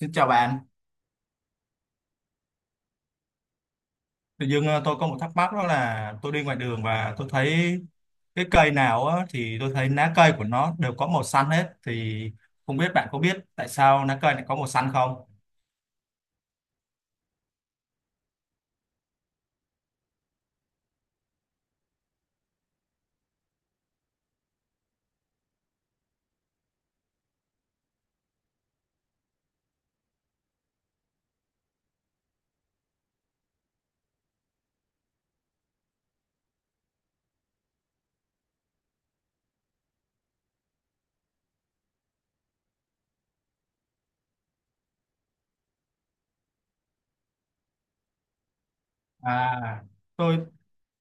Xin chào bạn. Tự dưng tôi có một thắc mắc đó là tôi đi ngoài đường và tôi thấy cái cây nào á, thì tôi thấy lá cây của nó đều có màu xanh hết thì không biết bạn có biết tại sao lá cây lại có màu xanh không? À, tôi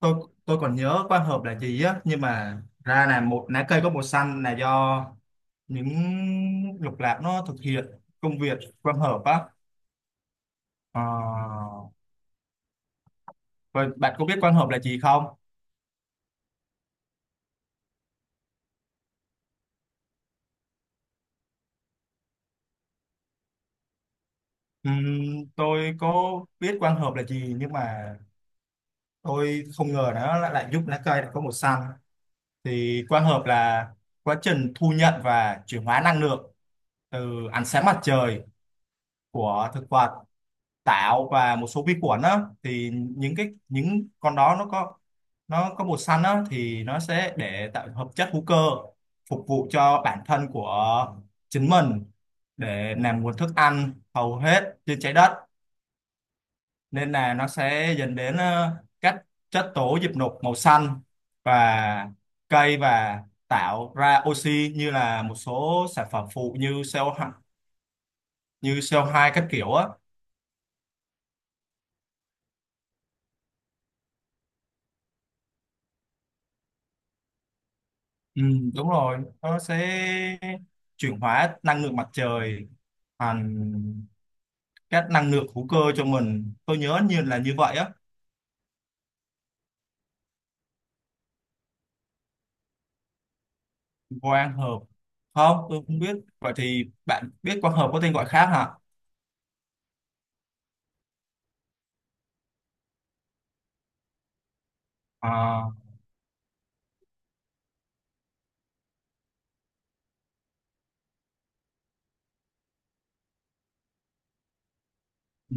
tôi tôi còn nhớ quang hợp là gì á, nhưng mà ra là một lá cây có màu xanh là do những lục lạc nó thực hiện công việc quang hợp á. Ờ, vậy bạn có biết quang hợp là gì không? Tôi có biết quang hợp là gì, nhưng mà tôi không ngờ nó lại giúp lá cây lại có màu xanh. Thì quang hợp là quá trình thu nhận và chuyển hóa năng lượng từ ánh sáng mặt trời của thực vật, tảo và một số vi khuẩn á, thì những cái những con đó nó có, nó có màu xanh á, thì nó sẽ để tạo hợp chất hữu cơ phục vụ cho bản thân của chính mình, để làm nguồn thức ăn hầu hết trên trái đất, nên là nó sẽ dẫn đến các chất tố diệp nục màu xanh và cây, và tạo ra oxy như là một số sản phẩm phụ như CO2, như CO2 các kiểu á. Ừ, đúng rồi, nó sẽ chuyển hóa năng lượng mặt trời thành các năng lượng hữu cơ cho mình. Tôi nhớ như là như vậy á. Quang hợp, không, tôi không biết. Vậy thì bạn biết quang hợp có tên gọi khác hả? À, ừ,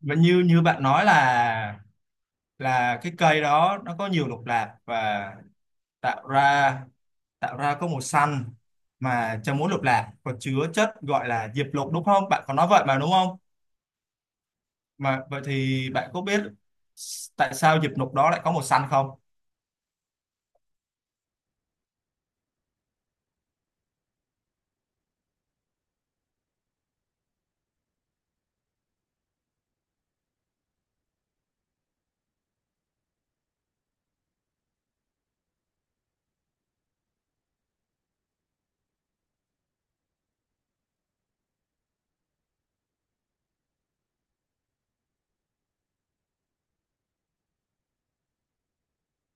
và như như bạn nói là cái cây đó nó có nhiều lục lạc và tạo ra tạo ra có màu xanh, mà trong mỗi lục lạc có chứa chất gọi là diệp lục đúng không? Bạn có nói vậy mà đúng không? Mà vậy thì bạn có biết tại sao diệp lục đó lại có màu xanh không?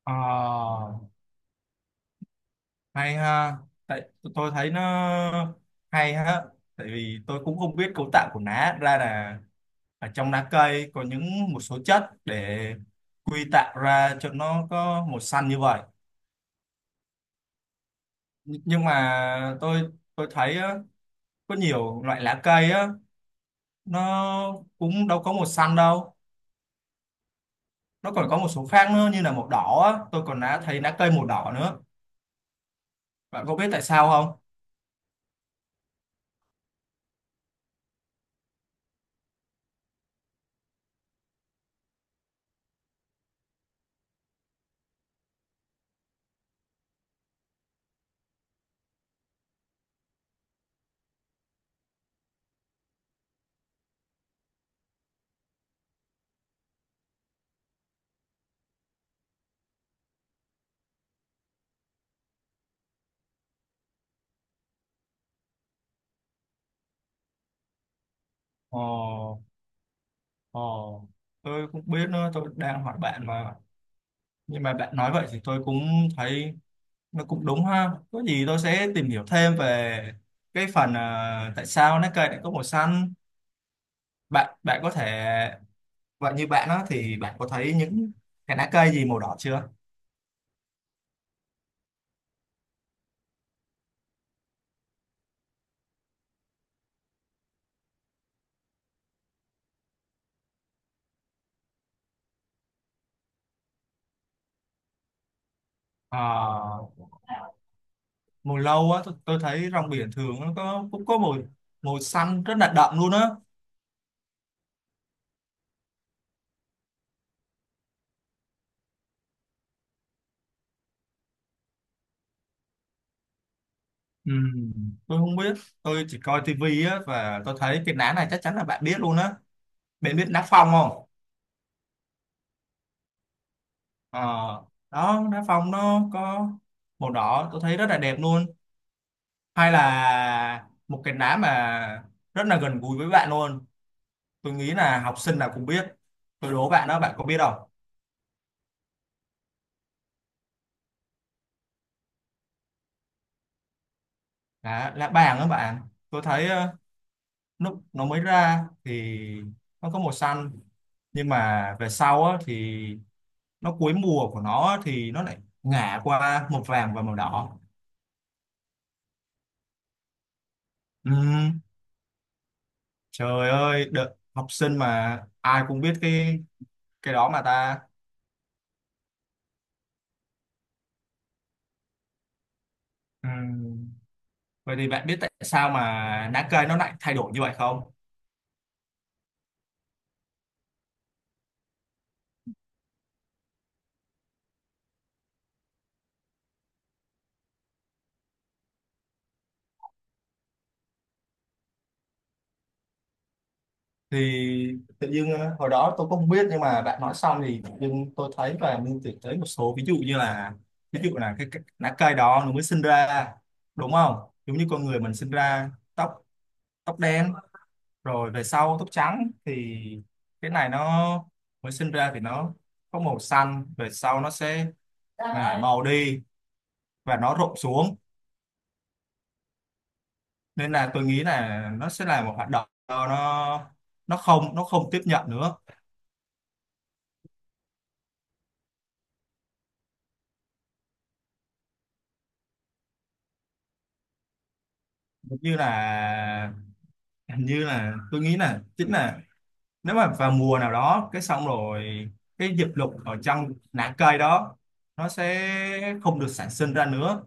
Ờ, hay ha. Tại tôi thấy nó hay ha. Tại vì tôi cũng không biết cấu tạo của lá, ra là ở trong lá cây có những một số chất để quy tạo ra cho nó có màu xanh như vậy. Nhưng mà tôi thấy á, có nhiều loại lá cây á nó cũng đâu có màu xanh đâu, nó còn có một số khác nữa như là màu đỏ á, tôi còn đã thấy lá cây màu đỏ nữa. Bạn có biết tại sao không? Ồ, ồ, tôi cũng biết nữa, tôi đang hỏi bạn mà. Nhưng mà bạn nói vậy thì tôi cũng thấy nó cũng đúng ha. Có gì tôi sẽ tìm hiểu thêm về cái phần à, tại sao lá cây lại có màu xanh. Bạn bạn có thể, vậy như bạn đó thì bạn có thấy những cái lá cây gì màu đỏ chưa? Ờ, mùi lâu á, tôi thấy rong biển thường nó có, cũng có mùi, mùi xanh rất là đậm luôn á. Ừ, tôi không biết, tôi chỉ coi tivi á, và tôi thấy cái lá này chắc chắn là bạn biết luôn á. Bạn biết lá phong không? Ờ, đó, lá phong nó có màu đỏ, tôi thấy rất là đẹp luôn. Hay là một cái lá mà rất là gần gũi với bạn luôn, tôi nghĩ là học sinh nào cũng biết. Tôi đố bạn đó, bạn có biết không? Lá lá bàng đó bạn. Tôi thấy lúc nó mới ra thì nó có màu xanh, nhưng mà về sau á, thì nó cuối mùa của nó á, thì nó lại ngả qua màu vàng và màu đỏ. Ừm, trời ơi, đợt học sinh mà ai cũng biết cái đó mà ta. Ừm, vậy thì bạn biết tại sao mà lá cây nó lại thay đổi như vậy không? Thì tự dưng hồi đó tôi cũng không biết, nhưng mà bạn nói xong thì tự dưng tôi thấy và mình tưởng tới một số ví dụ như là, ví dụ là cái lá cây đó nó mới sinh ra đúng không, giống như con người mình sinh ra tóc, tóc đen, rồi về sau tóc trắng, thì cái này nó mới sinh ra thì nó có màu xanh, về sau nó sẽ là màu đi và nó rụng xuống. Nên là tôi nghĩ là nó sẽ là một hoạt động nó, nó không tiếp nhận nữa. Giống như là, hình như là, tôi nghĩ là chính là nếu mà vào mùa nào đó cái xong rồi cái diệp lục ở trong lá cây đó nó sẽ không được sản sinh ra nữa,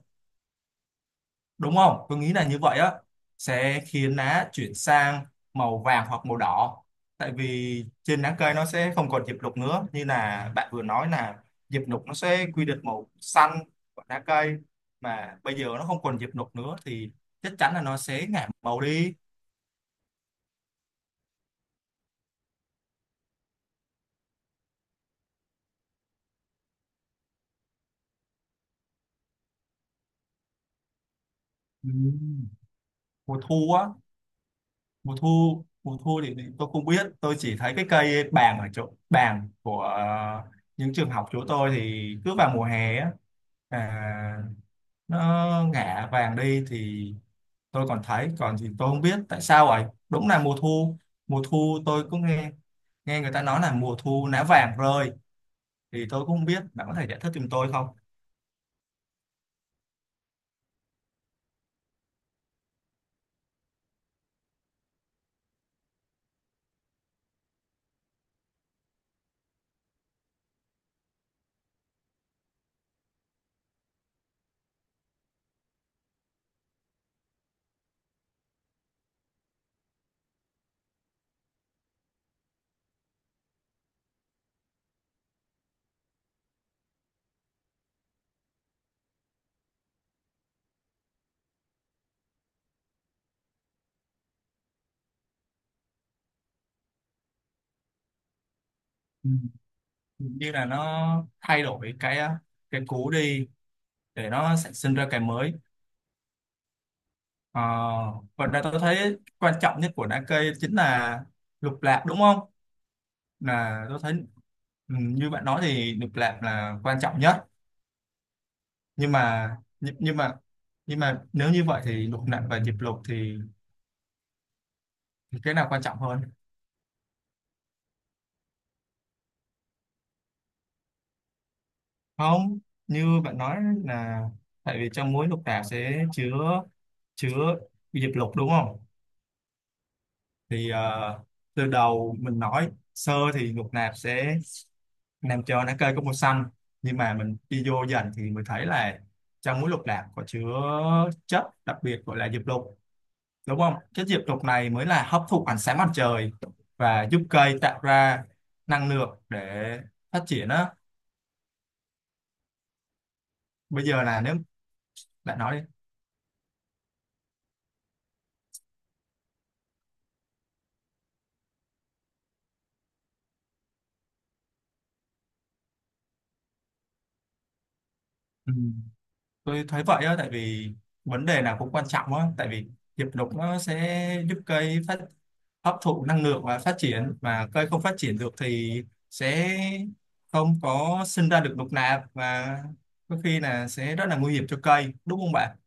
đúng không, tôi nghĩ là như vậy á. Sẽ khiến lá chuyển sang màu vàng hoặc màu đỏ, tại vì trên lá cây nó sẽ không còn diệp lục nữa, như là bạn vừa nói là diệp lục nó sẽ quy định màu xanh của lá cây, mà bây giờ nó không còn diệp lục nữa thì chắc chắn là nó sẽ ngả màu đi. Ừ, mùa thu á. Mùa thu thì tôi không biết, tôi chỉ thấy cái cây bàng ở chỗ bàng của những trường học chỗ tôi thì cứ vào mùa hè á là nó ngả vàng đi. Thì tôi còn thấy, còn thì tôi không biết tại sao vậy. Đúng là mùa thu, tôi cũng nghe, nghe người ta nói là mùa thu lá vàng rơi, thì tôi cũng không biết, bạn có thể giải thích giùm tôi không? Ừ, như là nó thay đổi cái cũ đi để nó sản sinh ra cái mới. Ờ, và đây tôi thấy quan trọng nhất của đá cây chính là lục lạc đúng không? Là tôi thấy, ừ, như bạn nói thì lục lạc là quan trọng nhất, nhưng mà nhưng mà nhưng mà nếu như vậy thì lục lạc và diệp lục thì cái nào quan trọng hơn? Không, như bạn nói là tại vì trong mỗi lục lạc sẽ chứa, chứa diệp lục đúng không? Thì từ đầu mình nói sơ thì lục lạc sẽ Nam cho lá cây có màu xanh, nhưng mà mình đi vô dần thì mình thấy là trong muối lục lạc có chứa chất đặc biệt gọi là diệp lục đúng không. Chất diệp lục này mới là hấp thụ ánh sáng mặt trời và giúp cây tạo ra năng lượng để phát triển á. Bây giờ là nếu lại nói đi. Ừ, tôi thấy vậy á, tại vì vấn đề nào cũng quan trọng á, tại vì diệp lục nó sẽ giúp cây phát, hấp thụ năng lượng và phát triển, mà cây không phát triển được thì sẽ không có sinh ra được lục nạp, và có khi là sẽ rất là nguy hiểm cho cây đúng không bạn?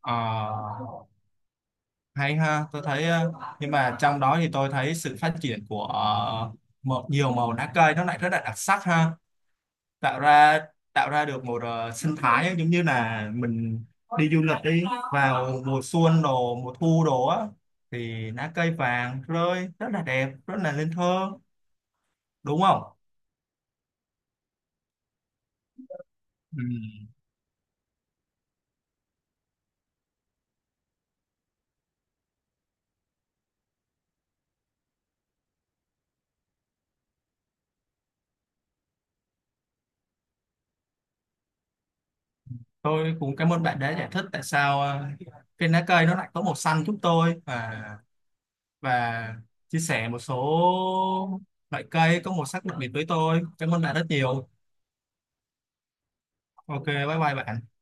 Ờ, hay ha. Tôi thấy nhưng mà trong đó thì tôi thấy sự phát triển của một nhiều màu lá cây nó lại rất là đặc sắc ha. Tạo ra tạo ra được một sinh thái, giống như là mình đi du lịch đi, vào mùa xuân đồ mùa thu đồ á, thì lá cây vàng rơi rất là đẹp, rất là nên thơ đúng không? Ừ, tôi cũng cảm ơn bạn đã giải thích tại sao cái lá cây nó lại có màu xanh giúp tôi, và chia sẻ một số loại cây có màu sắc đặc biệt với tôi. Cảm ơn bạn rất nhiều. OK, bye bye bạn.